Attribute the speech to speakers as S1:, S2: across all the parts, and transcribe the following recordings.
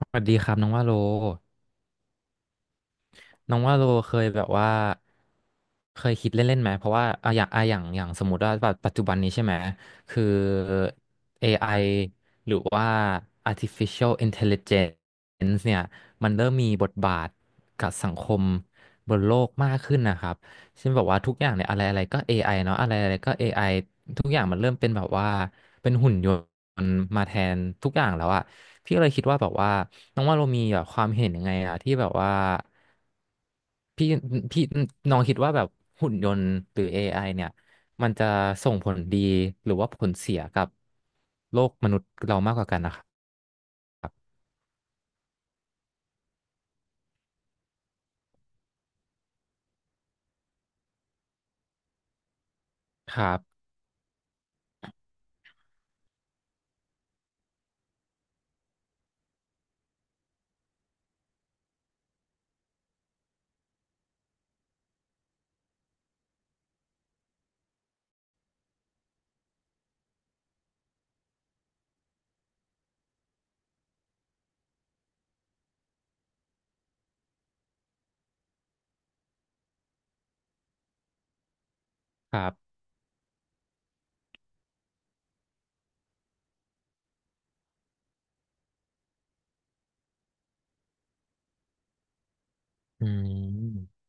S1: สวัสดีครับน้องว่าโลน้องว่าโลเคยแบบว่าเคยคิดเล่นๆไหมเพราะว่าอย่างสมมติว่าปัจจุบันนี้ใช่ไหมคือ AI หรือว่า artificial intelligence เนี่ยมันเริ่มมีบทบาทกับสังคมบนโลกมากขึ้นนะครับเช่นแบบว่าทุกอย่างเนี่ยอะไรอะไรก็ AI เนาะอะไรอะไรก็ AI ทุกอย่างมันเริ่มเป็นแบบว่าเป็นหุ่นยนต์มาแทนทุกอย่างแล้วอะพี่ก็เลยคิดว่าแบบว่า น้องว่าเรามีแบบความเห็นยังไงอะที่แบบว่าพี่พี่น้องคิดว่าแบบหุ่นยนต์หรือ AI เนี่ยมันจะส่งผลดีหรือว่าผลเสียกับโลกมนุษย์เรามากกว่ากันนะครับครับครับอืม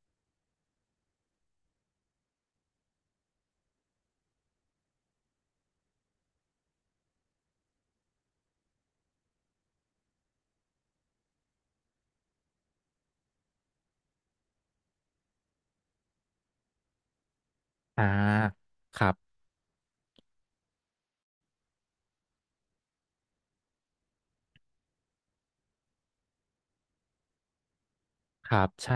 S1: อ่าครับครับใช่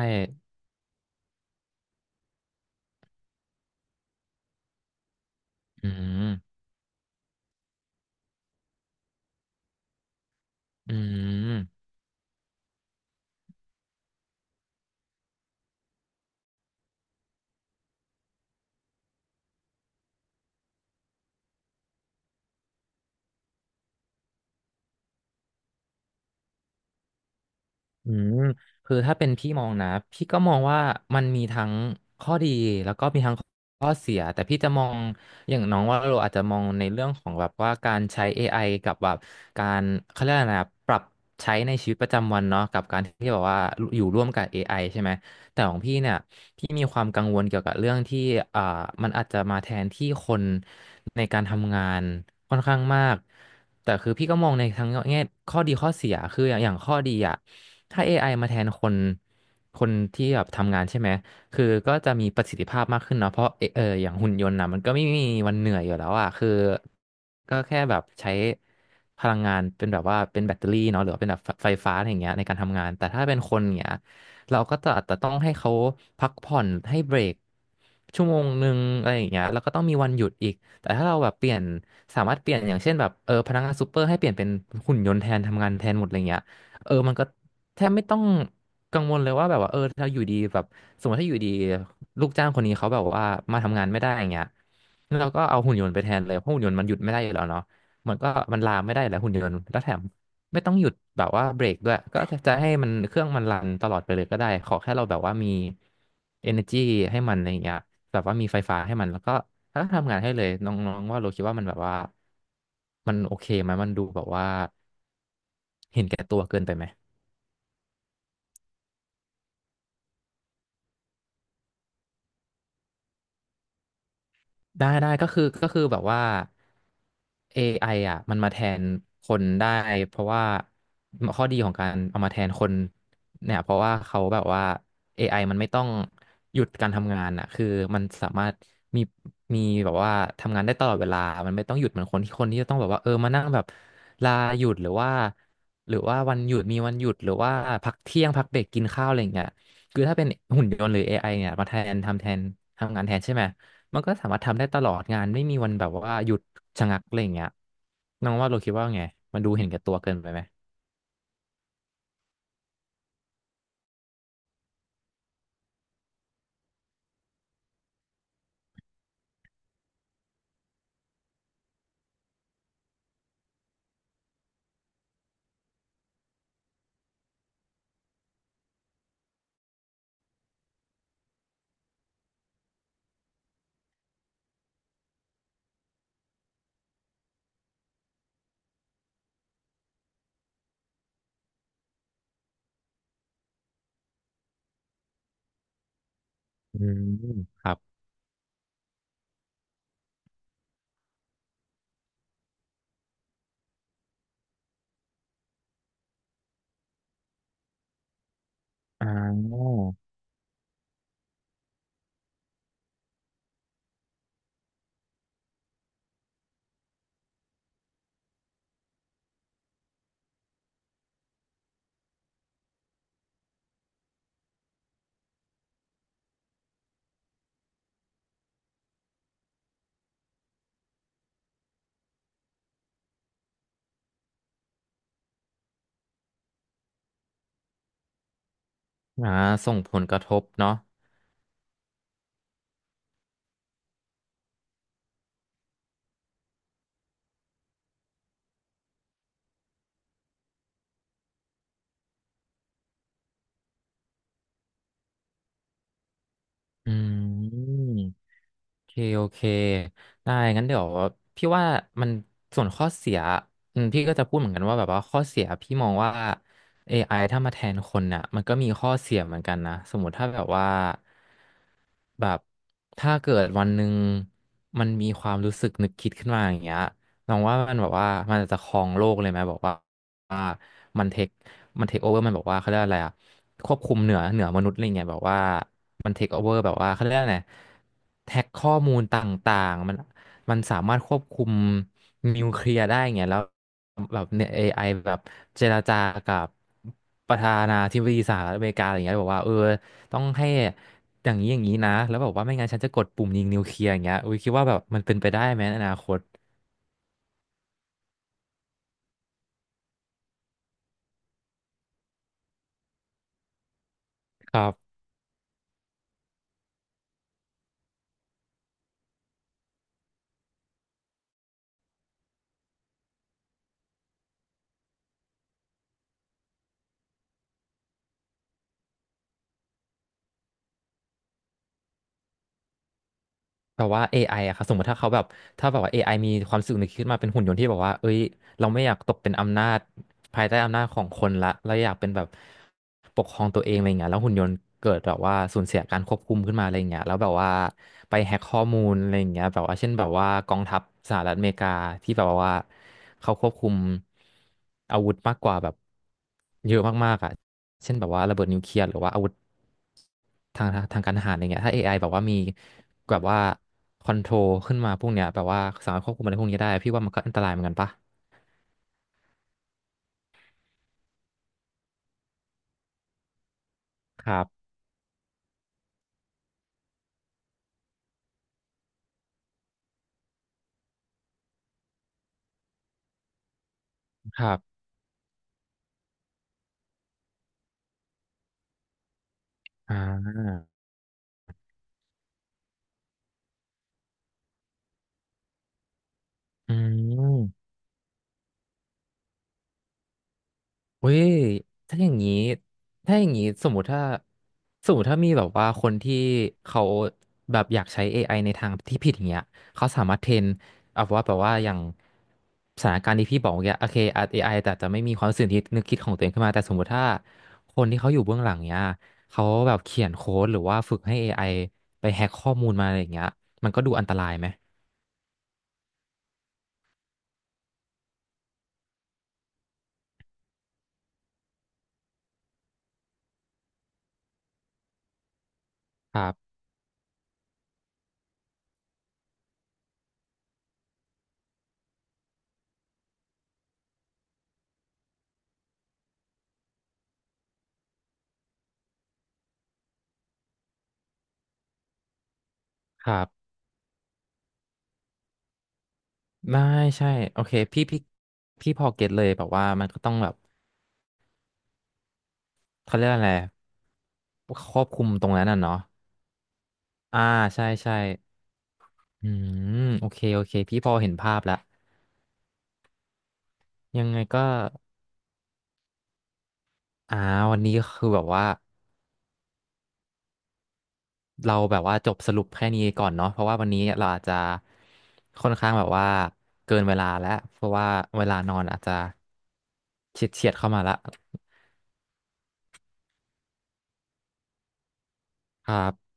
S1: อืมอืม อืมคือถ้าเป็นพี่มองนะพี่ก็มองว่ามันมีทั้งข้อดีแล้วก็มีทั้งข้อเสียแต่พี่จะมองอย่างน้องว่าเราอาจจะมองในเรื่องของแบบว่าการใช้ AI กับแบบการเขาเรียกอะไรนะปรับใช้ในชีวิตประจำวันเนาะกับการที่แบบว่าอยู่ร่วมกับ AI ใช่ไหมแต่ของพี่เนี่ยพี่มีความกังวลเกี่ยวกับเรื่องที่อ่ามันอาจจะมาแทนที่คนในการทำงานค่อนข้างมากแต่คือพี่ก็มองในทั้งแง่ข้อดีข้อเสียคืออย่างข้อดีอ่ะ ถ้า AI มาแทนคน คนที่แบบทำงานใช่ไหม คือก็จะมีประสิทธิภาพมากขึ้นเนาะเพราะเอเอออย่างหุ่นยนต์นะมันก็ไม่มีวันเหนื่อยอยู่แล้วอ่ะคือก็แค่แบบใช้พลังงานเป็นแบบว่าเป็นแบตเตอรี่เนาะหรือว่าเป็นแบบไฟฟ้าอะไรอย่างเงี้ยในการทำงาน แต่ถ้าเป็นคนอย่างเงี้ยเราก็จะอาจจะต้องให้เขาพักผ่อนให้เบรกชั่วโมงหนึ่งอะไรอย่างเงี้ยแล้วก็ต้องมีวันหยุดอีก แต่ถ้าเราแบบเปลี่ยนสามารถเปลี่ยนอย่างเช่นแบบเออพนักงานซูเปอร์ให้เปลี่ยนเป็นหุ่นยนต์แทนทำงานแทนหมดอะไรเงี้ยเออมันก็ แทบไม่ต้องกังวลเลยว่าแบบว่าเออถ้าอยู่ดีแบบสมมติถ้าอยู่ดีลูกจ้างคนนี้เขาแบบว่ามาทำงานไม่ได้อย่างเงี้ยแล้วเราก็เอาหุ่นยนต์ไปแทนเลยเพราะหุ่นยนต์มันหยุดไม่ได้อยู่แล้วเนาะมันก็มันลาไม่ได้แล้วหุ่นยนต์แล้วแถมไม่ต้องหยุดแบบว่าเบรกด้วยก็จะจะให้มันเครื่องมันรันตลอดไปเลยก็ได้ขอแค่เราแบบว่ามี energy ให้มันอะไรอย่างเงี้ยแบบว่ามีไฟฟ้าให้มันแล้วก็ถ้าทำงานให้เลยน้องๆว่าเราคิดว่ามันแบบว่ามันโอเคไหมมันดูแบบว่าเห็นแก่ตัวเกินไปไหม ได้ได้ก็คือแบบว่า AI อไออ่ะมันมาแทนคนได้เพราะว่าข้อดีของการเอามาแทนคนเนี่ยเพราะว่าเขาแบบว่า AI มันไม่ต้องหยุดการทำงานอ่ะคือมันสามารถมีมีแบบว่าทำงานได้ตลอดเวลามันไม่ต้องหยุดเหมือนคนที่จะต้องแบบว่าเออมานั่งแบบลาหยุดหรือว่าวันหยุดมีวันหยุดหรือว่าพักเที่ยงพักเบรกกินข้าวอะไรอย่างเงี้ยคือถ้าเป็นหุ่นยนต์หรือ AI เนี่ยมาแทนทำแทนทำงานแทนใช่ไหม มันก็สามารถทำได้ตลอดงานไม่มีวันแบบว่าหยุดชะงักอะไรอย่างเงี้ยน้องว่าเราคิดว่าไงมันดูเห็นแก่ตัวเกินไปไหมอืมครับอ่ออ่าส่งผลกระทบเนาะอืม โอเคโอเคได้งั้นเดี๋ยวพี่ว่ามันส่วนข้อเสียอืมพี่ก็จะพูดเหมือนกันว่าแบบว่าข้อเสียพี่มองว่า AI ถ้ามาแทนคนน่ะมันก็มีข้อเสียเหมือนกันนะสมมติถ้าแบบว่าแบบถ้าเกิดวันหนึ่งมันมีความรู้สึกนึกคิดขึ้นมาอย่างเงี้ยลองว่ามันแบบว่ามันจะครองโลกเลยไหมบอกว่าว่ามันเทคมันเทคโอเวอร์มันบอกว่าเขาเรียกอะไรอะควบคุมเหนือมนุษย์อะไรเงี้ยแบบว่า มันเทคโอเวอร์แบบว่าเขาเรียกว่าไงแท็กข้อมูลต่างๆมันมันสามารถควบคุมนิวเคลียร์ได้งเงี้ยแล้วแบบเนี่ย AI แบบเจรจากับประธานาธิบดีสหรัฐอเมริกาอะไรอย่างเงี้ยบอกว่าเออต้องให้อย่างนี้อย่างนี้นะแล้วบอกว่าไม่งั้นฉันจะกดปุ่มยิงนิวเคลียร์อย่างเงี้ยอุ้ยคิดว่าแบบมันเป็นไปได้ไหมในอนาคตครับ แบบว่าเอไออะครับสมมติถ้าเขาแบบถ้าแบบว่าเอไ i มีความรู้สึกนึกขึ้นมาเป็นหุ่นยนต์ที่แบบว่าเอ้ยเราไม่อยากตกเป็นอำนาจภายใต้อำนาจของคนละเราอยากเป็นแบบปกครองตัวเองอะไรเงี้ยแล้วหุ่นยนต์เกิดแบบว่าสูญเสียการควบคุมขึ้นมาอะไรเงี้ยแล้วแบบว่าไปแฮ็กข้อมูลอะไรเงี้ยแบบว่าเช่นแบบว่ากองทัพสหรัฐอเมริกาที่แบบว่าเขาควบคุมอาวุธมากกว่าแบบเยอะมากๆอ่ะเช่นแบบว่าระเบิดนิวเคลียร์หรือว่าอาวุธ ทางการทหารอะไรเงี้ยถ้า AI แบบว่ามีแบบว่าคอนโทรลขึ้นมาพวกเนี้ยแบบว่าสามารถควบคุมอะไรพวกนี้ได้พี่ว่ามันก็อันตรายเหมือนกันปะครับครับอ่าอืม เว้ยถ้าอย่างนี้ถ้าอย่างนี้สมมติถ้าสมมติถ้ามีแบบว่าคนที่เขาแบบอยากใช้ AI ในทางที่ผิดอย่างเงี้ยเขาสามารถเทรนเอาว่าแบบว่าอย่างสถานการณ์ที่พี่บอกเมื่อกี้โอเคอาจเอไอแต่จะไม่มีความสื่อที่นึกคิดของตัวเองขึ้นมาแต่สมมติถ้าคนที่เขาอยู่เบื้องหลังเนี้ยเขาแบบเขียนโค้ดหรือว่าฝึกให้ AI ไอไปแฮ็กข้อมูลมาอะไรอย่างเงี้ยมันก็ดูอันตรายไหมครับครับไม่ใช่โอเคพี่พี่พอเก็ตเลยแบบว่ามันก็ต้องแบบเขาเรียกอะไร ครอบคลุมตรงนั้นน่ะเนาะอ่าใช่ใช่อืมโอเคโอเคพี่พอเห็นภาพแล้วยังไงก็อ่าวันนี้คือแบบว่าเราแบบว่าจบสรุปแค่นี้ก่อนเนาะเพราะว่าวันนี้เราอาจจะค่อนข้างแบบว่าเกินเวลาแล้วเพราะว่าเวลานอนอาจจะเฉียดเข้ามาละครับ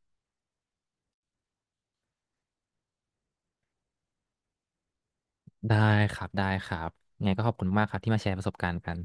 S1: ได้ครับได้ครับยังไงก็ขอบคุณมากครับที่มาแชร์ประสบการณ์กัน